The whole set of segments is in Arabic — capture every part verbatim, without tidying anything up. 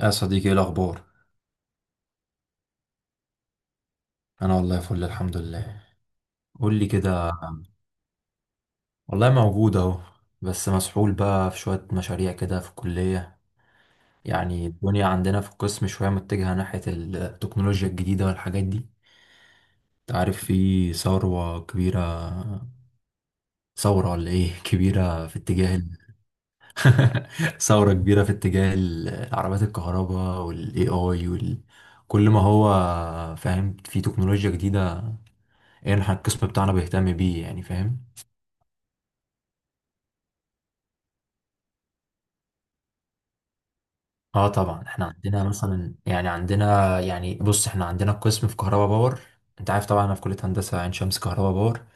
يا صديقي ايه الاخبار؟ انا والله فل، الحمد لله. قول لي كده. والله موجود اهو، بس مسحول بقى في شويه مشاريع كده في الكليه. يعني الدنيا عندنا في القسم شويه متجهه ناحيه التكنولوجيا الجديده والحاجات دي. انت عارف في ثوره كبيره، ثوره ولا ايه كبيره في اتجاه ال- ثوره كبيره في اتجاه ال- العربيات الكهرباء والاي اي وال... كل ما هو فاهم، في تكنولوجيا جديده، ايه احنا القسم بتاعنا بيهتم بيه، يعني فاهم. اه طبعا احنا عندنا مثلا، يعني عندنا، يعني بص احنا عندنا قسم في كهرباء باور. انت عارف طبعا انا في كلية هندسة عين شمس كهرباء باور.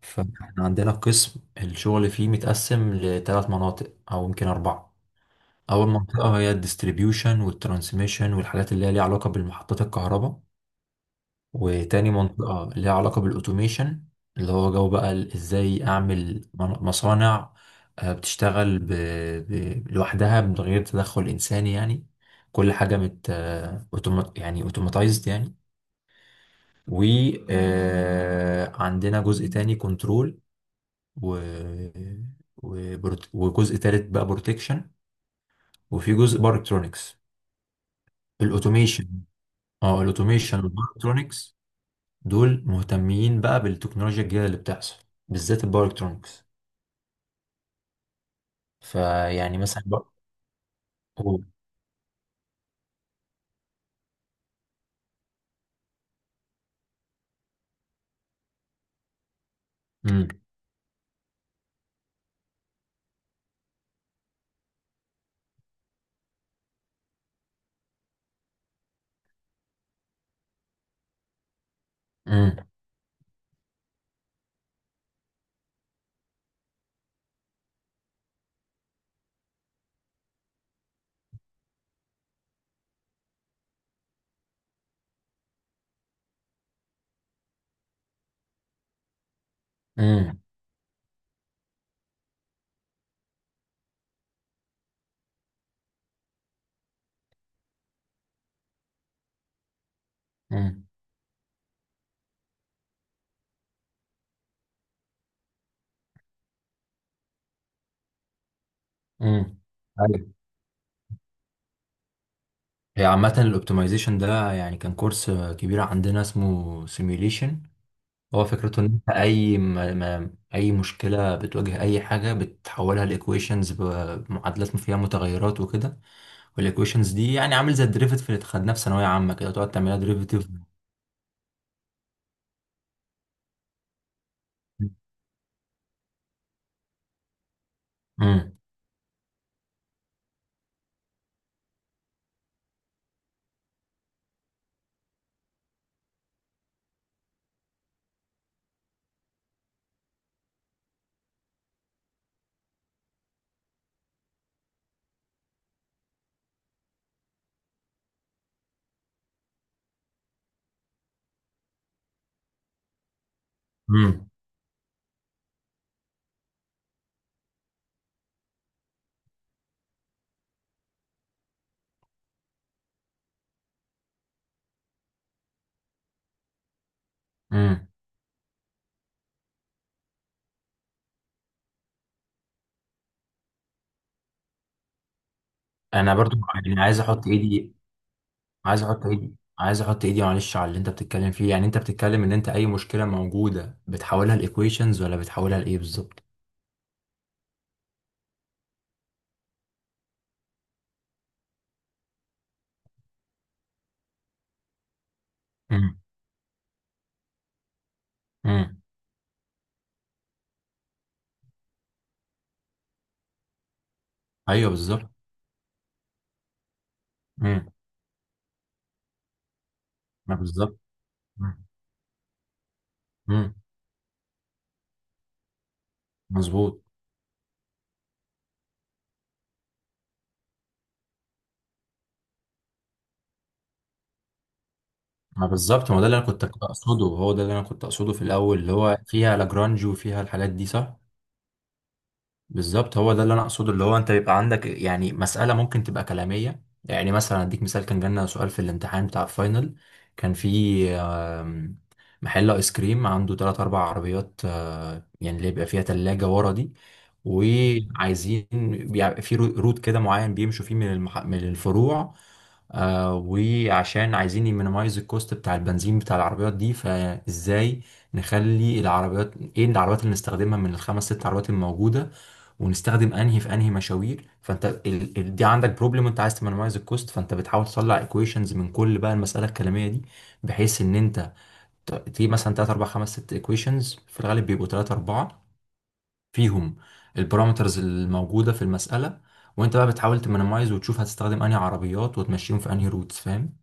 فاحنا عندنا قسم الشغل فيه متقسم لثلاث مناطق او يمكن اربعة. اول منطقة هي الديستريبيوشن والترانسميشن والحاجات اللي هي ليها علاقة بالمحطات الكهرباء، وتاني منطقة ليها علاقة بالأوتوميشن، اللي هو جو بقى ال- إزاي أعمل من- مصانع آه، بتشتغل ب... ب... لوحدها من غير تدخل إنساني يعني، كل حاجة مت آه، أوتوما... يعني أوتوماتايزد يعني. وعندنا جزء تاني كنترول، و... وبروت... وجزء تالت بقى بروتكشن، وفي جزء باركترونكس. الأوتوميشن، اه الأوتوميشن والباركترونكس دول مهتمين بقى بالتكنولوجيا الجديدة اللي بتحصل، بالذات الباور الكترونكس. فيعني مثلا بقى هو. امم. امم. امم. امم. امم. ايوه، هي عامة الاوبتمايزيشن ده يعني كان كورس كبير عندنا اسمه سيميوليشن. هو فكرته ان انت اي ما ما اي مشكلة بتواجه اي حاجة بتحولها لايكويشنز، بمعادلات فيها متغيرات وكده. والايكويشنز دي يعني عامل زي الدريفيتيف اللي خدناه في ثانوية عامة كده، تقعد تعملها دريفيتيف. امم. امم. امم. انا برضو يعني عايز احط ايدي عايز احط ايدي عايز احط ايدي معلش على اللي انت بتتكلم فيه، يعني انت بتتكلم ان انت اي مشكله موجوده بتحولها لايكويشنز ولا بتحولها لايه بالظبط؟ امم. امم. ايوه بالظبط. امم. ما بالظبط. امم. أمم. مظبوط. ما بالظبط، ما هو ده اللي انا كنت اقصده، هو ده اللي انا كنت اقصده في الاول، اللي هو فيها لاجرانج وفيها الحاجات دي، صح. بالظبط، هو ده اللي انا اقصده، اللي هو انت يبقى عندك يعني مسألة ممكن تبقى كلامية. يعني مثلا اديك مثال، كان جالنا سؤال في الامتحان بتاع الفاينل. كان في آم، محل ايس كريم عنده ثلاث اربع عربيات، آه، يعني اللي بيبقى فيها تلاجة ورا دي، وعايزين بيبقى في رو- روت كده معين بيمشوا فيه من المح... من الفروع، آه، وعشان عايزين يمينيمايز الكوست بتاع البنزين بتاع العربيات دي، فازاي نخلي العربيات، ايه العربيات اللي نستخدمها من الخمس ست عربيات الموجودة، ونستخدم انهي في انهي مشاوير. فانت ال... ال... دي عندك بروبلم، انت عايز تمنمايز الكوست، فانت بتحاول تطلع ايكويشنز من كل بقى المساله الكلاميه دي، بحيث ان انت ت- تجيب مثلا ثلاثة أربعة خمسة ستة ايكويشنز، في الغالب بيبقوا ثلاثة أربعة، فيهم البارامترز الموجوده في المساله، وانت بقى بتحاول تمنمايز وتشوف هتستخدم انهي عربيات وتمشيهم في انهي روتس، فاهم؟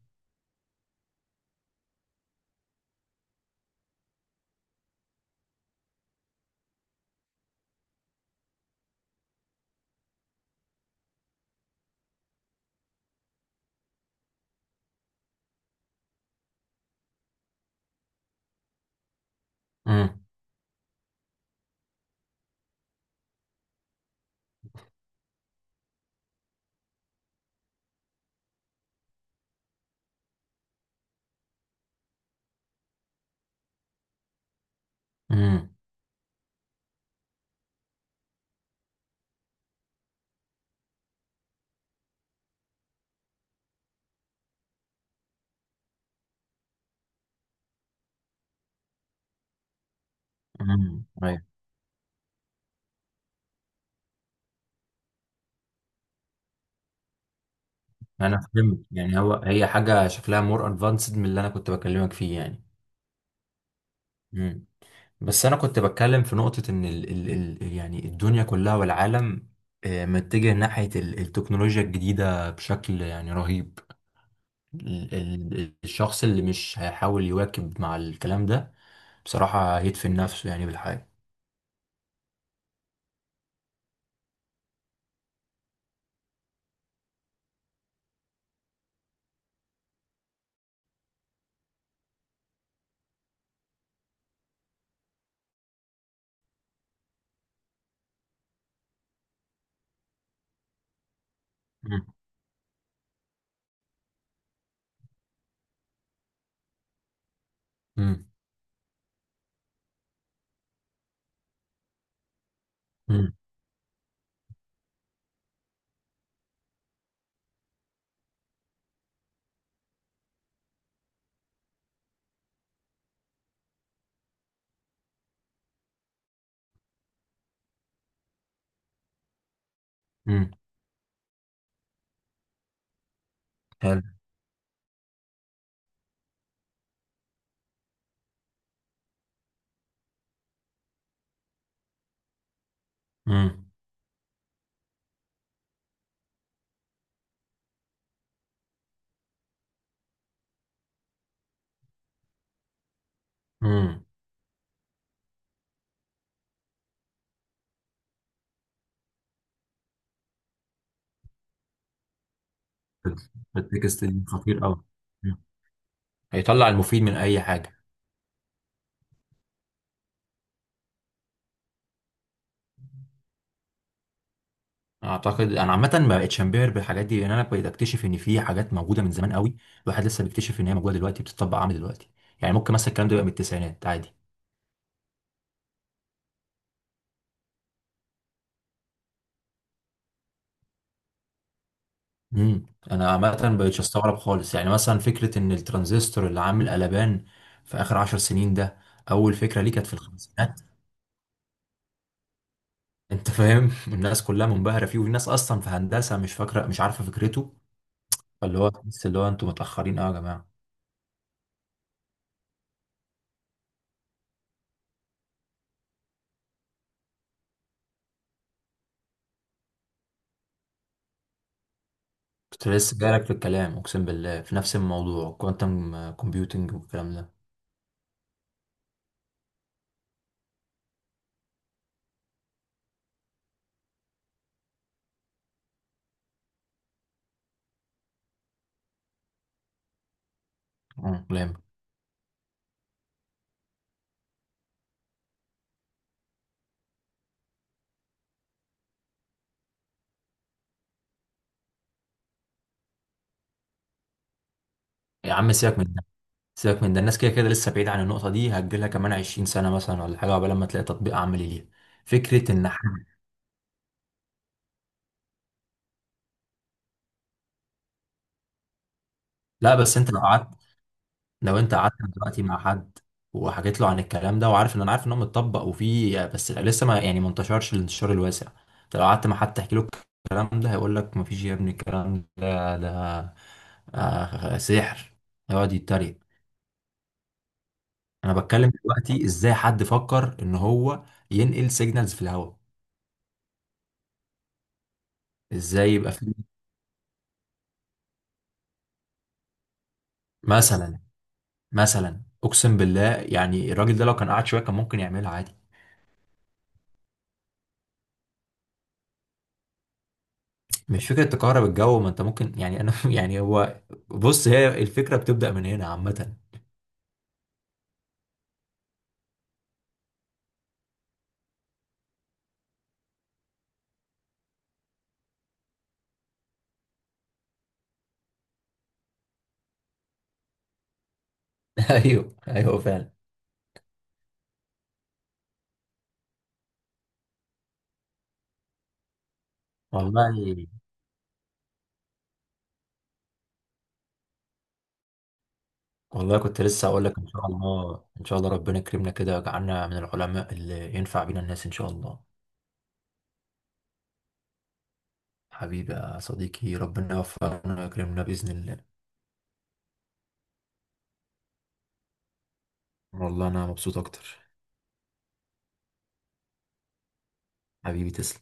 امم. امم. امم. ايوه انا فهمت، يعني هو هي حاجه شكلها مور ادفانسد من اللي انا كنت بكلمك فيه يعني. مم. بس انا كنت بتكلم في نقطة ان ال ال ال يعني الدنيا كلها والعالم آه، متجه ناحية ال- التكنولوجيا الجديدة بشكل يعني رهيب. ال- ال- الشخص اللي مش هيحاول يواكب مع الكلام ده، بصراحة هيدفن نفسه يعني بالحياة. مم. مم. مم. مم. حلو. مم. مم. التكست دي خطير قوي، هيطلع المفيد من اي حاجة. اعتقد انا عامه ما بقتش انبهر بالحاجات دي، لان انا بقيت اكتشف ان في حاجات موجوده من زمان قوي، الواحد لسه بيكتشف ان هي موجوده دلوقتي بتطبق، عامل دلوقتي. يعني ممكن مثلا الكلام ده يبقى من التسعينات عادي. امم. انا عامه ما بقتش استغرب خالص. يعني مثلا فكره ان الترانزستور اللي عامل قلبان في اخر عشر سنين ده، اول فكره ليه كانت في الخمسينات. انت فاهم؟ الناس كلها منبهره فيه وفي ناس اصلا في هندسه مش فاكره مش عارفه فكرته. فاللي هو بس اللي هو انتوا متاخرين قوي يا جماعه. كنت لسه جايلك في الكلام، اقسم بالله، في نفس الموضوع، كوانتم كومبيوتنج والكلام ده. مم، لامب. يا عم سيبك من ده، سيبك من ده، الناس كده كده لسه بعيد عن النقطة دي، هتجيلها كمان عشرين سنة مثلا ولا حاجة قبل ما تلاقي تطبيق عملي ليها. فكرة إن حد، لا بس أنت لو قعدت، لو أنت قعدت دلوقتي مع حد وحكيت له عن الكلام ده، وعارف إن أنا عارف إن هو متطبق وفيه، بس لسه ما يعني ما انتشرش الانتشار الواسع. أنت لو قعدت مع حد تحكي له الكلام ده، هيقول لك مفيش يا ابني الكلام ده ده آه سحر، هيقعد يتريق. أنا بتكلم دلوقتي إزاي حد فكر إن هو ينقل سيجنالز في الهواء، ازاي يبقى في مثلا. مثلا اقسم بالله، يعني الراجل ده لو كان قعد شويه كان ممكن يعملها عادي. مش فكره تكهرب الجو، ما انت ممكن يعني انا يعني هو، بص هي الفكره بتبدا من هنا عامه. ايوه ايوه فعلا. والله. والله كنت لسه اقول لك ان شاء الله ان شاء الله ربنا يكرمنا كده ويجعلنا من العلماء اللي ينفع بينا الناس ان شاء الله. حبيبي يا صديقي ربنا يوفقنا ويكرمنا باذن الله. والله انا مبسوط اكتر. حبيبي تسلم.